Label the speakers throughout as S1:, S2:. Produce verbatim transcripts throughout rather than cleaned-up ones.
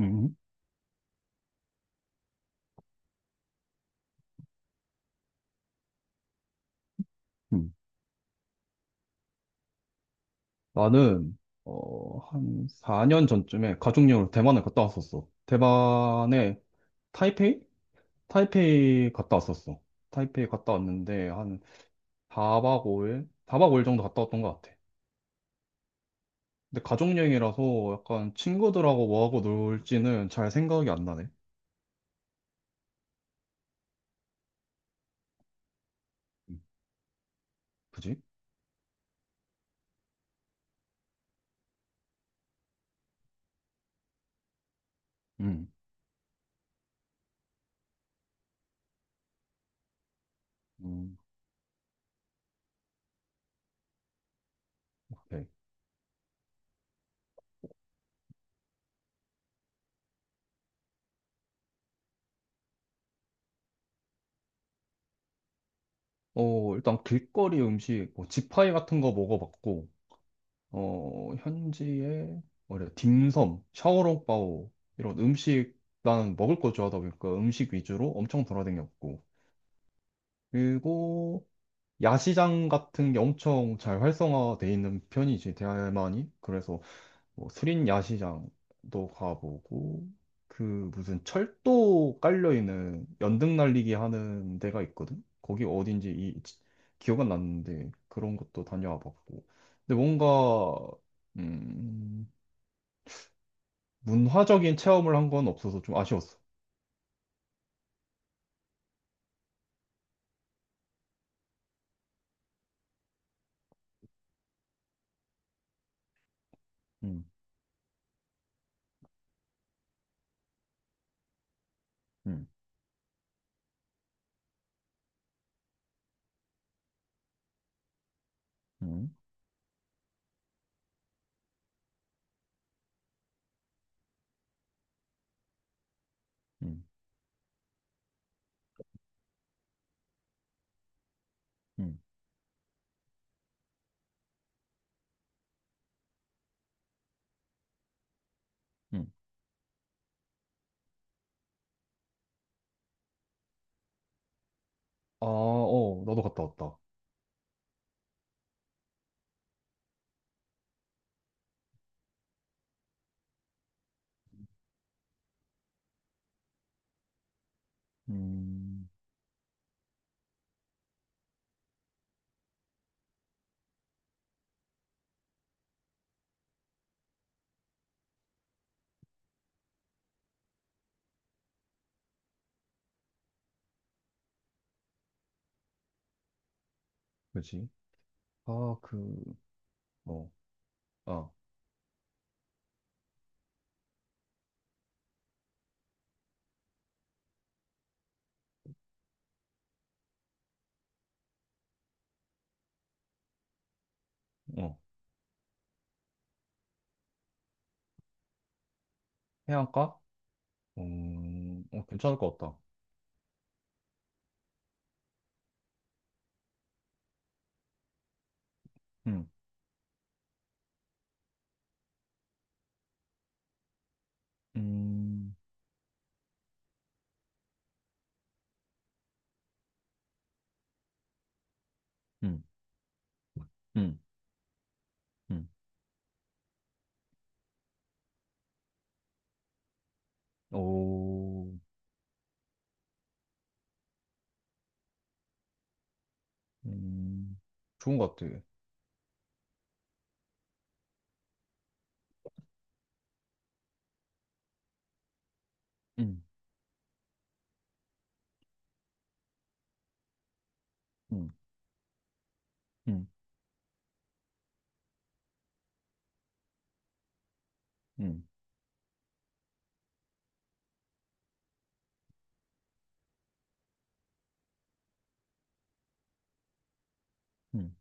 S1: 음, 음. 나는 어, 한 사 년 전쯤에 가족여행으로 대만을 갔다 왔었어. 대만에 타이페이? 타이페이 갔다 왔었어. 타이페이 갔다 왔는데 한 사 박 오 일? 사 박 오 일 정도 갔다 왔던 것 같아. 근데 가족여행이라서 약간 친구들하고 뭐하고 놀지는 잘 생각이 안 나네. 음, 그지? 음, 음, 오케이. 어, 일단 길거리 음식, 뭐 지파이 같은 거 먹어봤고, 어, 현지에 뭐래 딤섬, 샤오롱바오 이런 음식 나는 먹을 거 좋아하다 보니까 음식 위주로 엄청 돌아다녔고 그리고 야시장 같은 게 엄청 잘 활성화돼 있는 편이지 대만이 그래서 뭐 수린 야시장도 가보고 그 무슨 철도 깔려 있는 연등 날리기 하는 데가 있거든. 거기 어딘지 이 지- 기억은 났는데 그런 것도 다녀와 봤고. 근데 뭔가 음, 문화적인 체험을 한 건 없어서 좀 아쉬웠어. 음, 음, 음, 음, 음, 음. 아, 어, 나도 갔다 왔다. 음, 그지? 아, 그, 어, 아, 어, 해안가? 음, 어, 괜찮을 것 같다. 음. 음, 음, 음, 음. 오, 음, 좋은 것 같아. 음, 음, 음, 음, 음,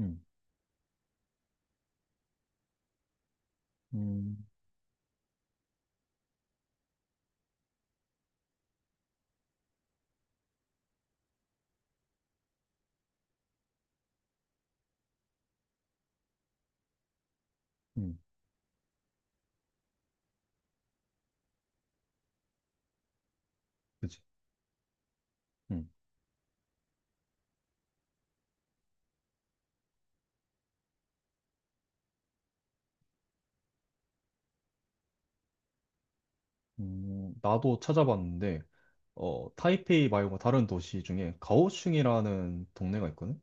S1: 음, 음, 음, 그치. 음, 음, 나도 찾아봤는데, 어, 타이페이 말고 다른 도시 중에 가오슝이라는 동네가 있거든?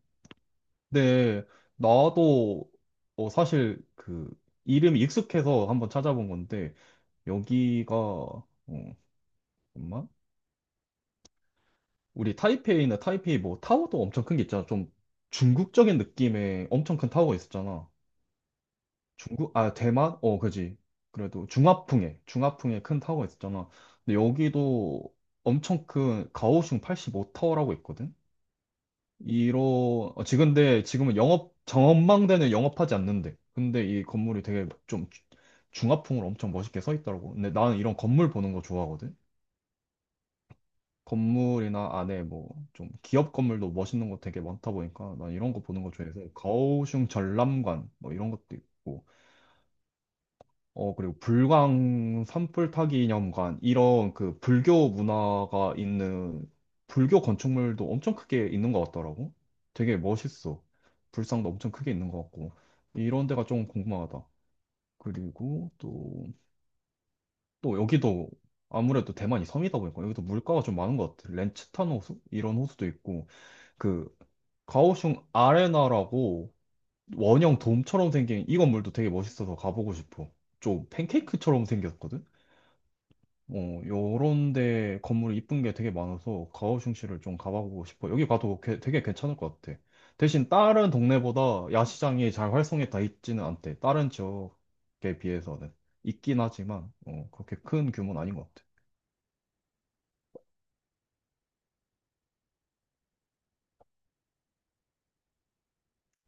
S1: 근데, 나도, 어, 사실 그, 이름이 익숙해서 한번 찾아본 건데, 여기가, 어, 잠깐만. 우리 타이페이나 타이페이 뭐 타워도 엄청 큰 게 있잖아. 좀 중국적인 느낌의 엄청 큰 타워가 있었잖아. 중국, 아, 대만? 어, 그지. 그래도 중화풍에, 중화풍에 큰 타워가 있었잖아. 근데 여기도 엄청 큰 가오슝 팔십오 타워라고 있거든? 이런, 어, 지금 근데 지금은 영업, 전망대는 영업하지 않는데. 근데 이 건물이 되게 좀 주- 중화풍으로 엄청 멋있게 서 있더라고. 근데 나는 이런 건물 보는 거 좋아하거든? 건물이나 안에 뭐 좀 기업 건물도 멋있는 거 되게 많다 보니까 난 이런 거 보는 거 좋아해서 가오슝 전람관 뭐 이런 것도 있고 어 그리고 불광 산불 타기 념관 이런 그 불교 문화가 있는 불교 건축물도 엄청 크게 있는 것 같더라고 되게 멋있어 불상도 엄청 크게 있는 것 같고 이런 데가 좀 궁금하다 그리고 또 또 여기도 아무래도 대만이 섬이다 보니까 여기도 물가가 좀 많은 것 같아 렌츠탄 호수 이런 호수도 있고 그 가오슝 아레나라고 원형 돔처럼 생긴 이 건물도 되게 멋있어서 가보고 싶어. 좀 팬케이크처럼 생겼거든? 어, 요런 데 건물이 이쁜 게 되게 많아서 가오슝시를 좀 가보고 싶어. 여기 가도 게- 되게 괜찮을 것 같아. 대신 다른 동네보다 야시장이 잘 활성에 다 있지는 않대. 다른 지역에 비해서는. 있긴 하지만, 어, 그렇게 큰 규모는 아닌 것 같아.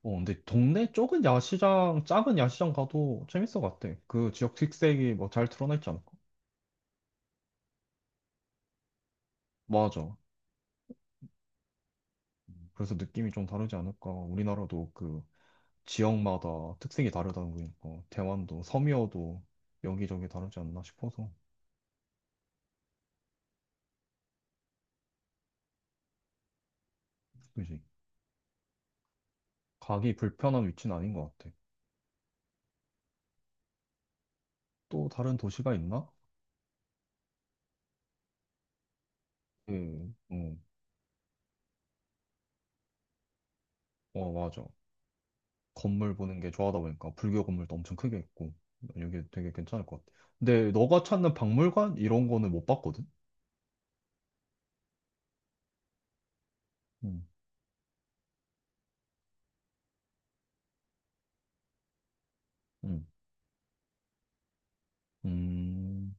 S1: 어, 근데 동네 쪽은 야시장, 작은 야시장 가도 재밌을 것 같아. 그 지역 특색이 뭐 잘 드러나 있지 않을까? 맞아. 그래서 느낌이 좀 다르지 않을까. 우리나라도 그 지역마다 특색이 다르다는 거니까. 대만도 섬이어도 여기저기 다르지 않나 싶어서. 그지? 가기 불편한 위치는 아닌 것 같아. 또 다른 도시가 있나? 그, 어, 어, 맞아. 건물 보는 게 좋아하다 보니까 불교 건물도 엄청 크게 있고. 여기 되게 괜찮을 것 같아. 근데 너가 찾는 박물관? 이런 거는 못 봤거든? 음, 음, 음,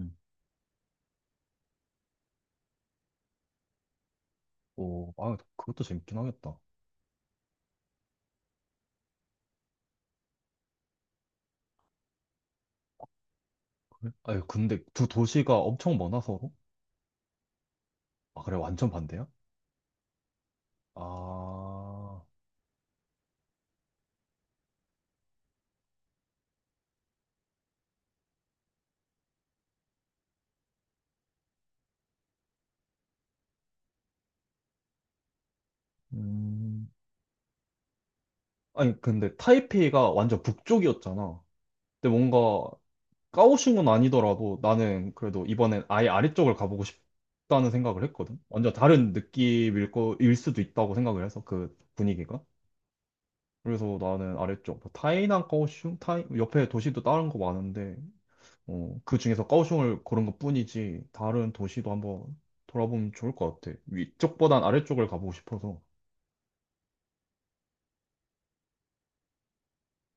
S1: 음. 오, 아, 그것도 재밌긴 하겠다. 아유, 근데 두 도시가 엄청 멀어 서로? 아, 그래, 완전 반대야? 아, 음. 아니, 근데 타이페이가 완전 북쪽이었잖아. 근데 뭔가 까오슝은 아니더라도 나는 그래도 이번엔 아예 아래쪽을 가보고 싶다는 생각을 했거든. 완전 다른 느낌일 거, 일 수도 있다고 생각을 해서 그 분위기가. 그래서 나는 아래쪽, 뭐 타이난 까오슝, 타이, 옆에 도시도 다른 거 많은데 어, 그 중에서 까오슝을 고른 것뿐이지 다른 도시도 한번 돌아보면 좋을 것 같아. 위쪽보단 아래쪽을 가보고 싶어서.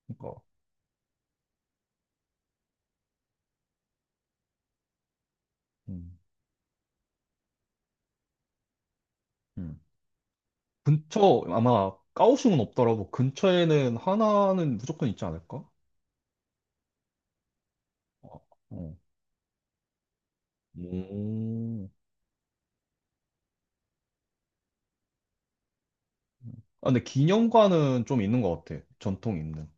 S1: 그러니까 음, 음. 근처 아마 까오슝은 없더라도 근처에는 하나는 무조건 있지 않을까? 어. 어. 음. 아, 근데 기념관은 좀 있는 것 같아. 전통 있는.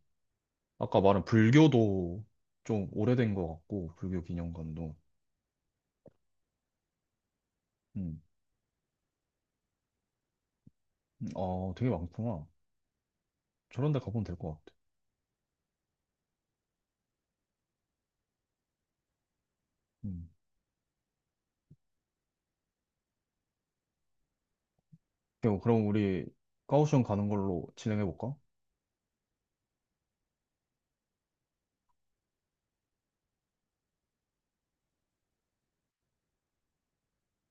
S1: 아까 말한 불교도 좀 오래된 것 같고 불교 기념관도. 음. 음, 아, 되게 많구나. 저런 데 가보면 될 것 같아. 음. 오케이, 그럼 우리 가오슝 가는 걸로 진행해볼까?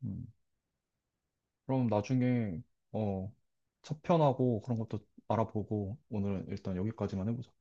S1: 음. 그럼 나중에, 어, 차편하고 그런 것도 알아보고 오늘은 일단 여기까지만 해보자.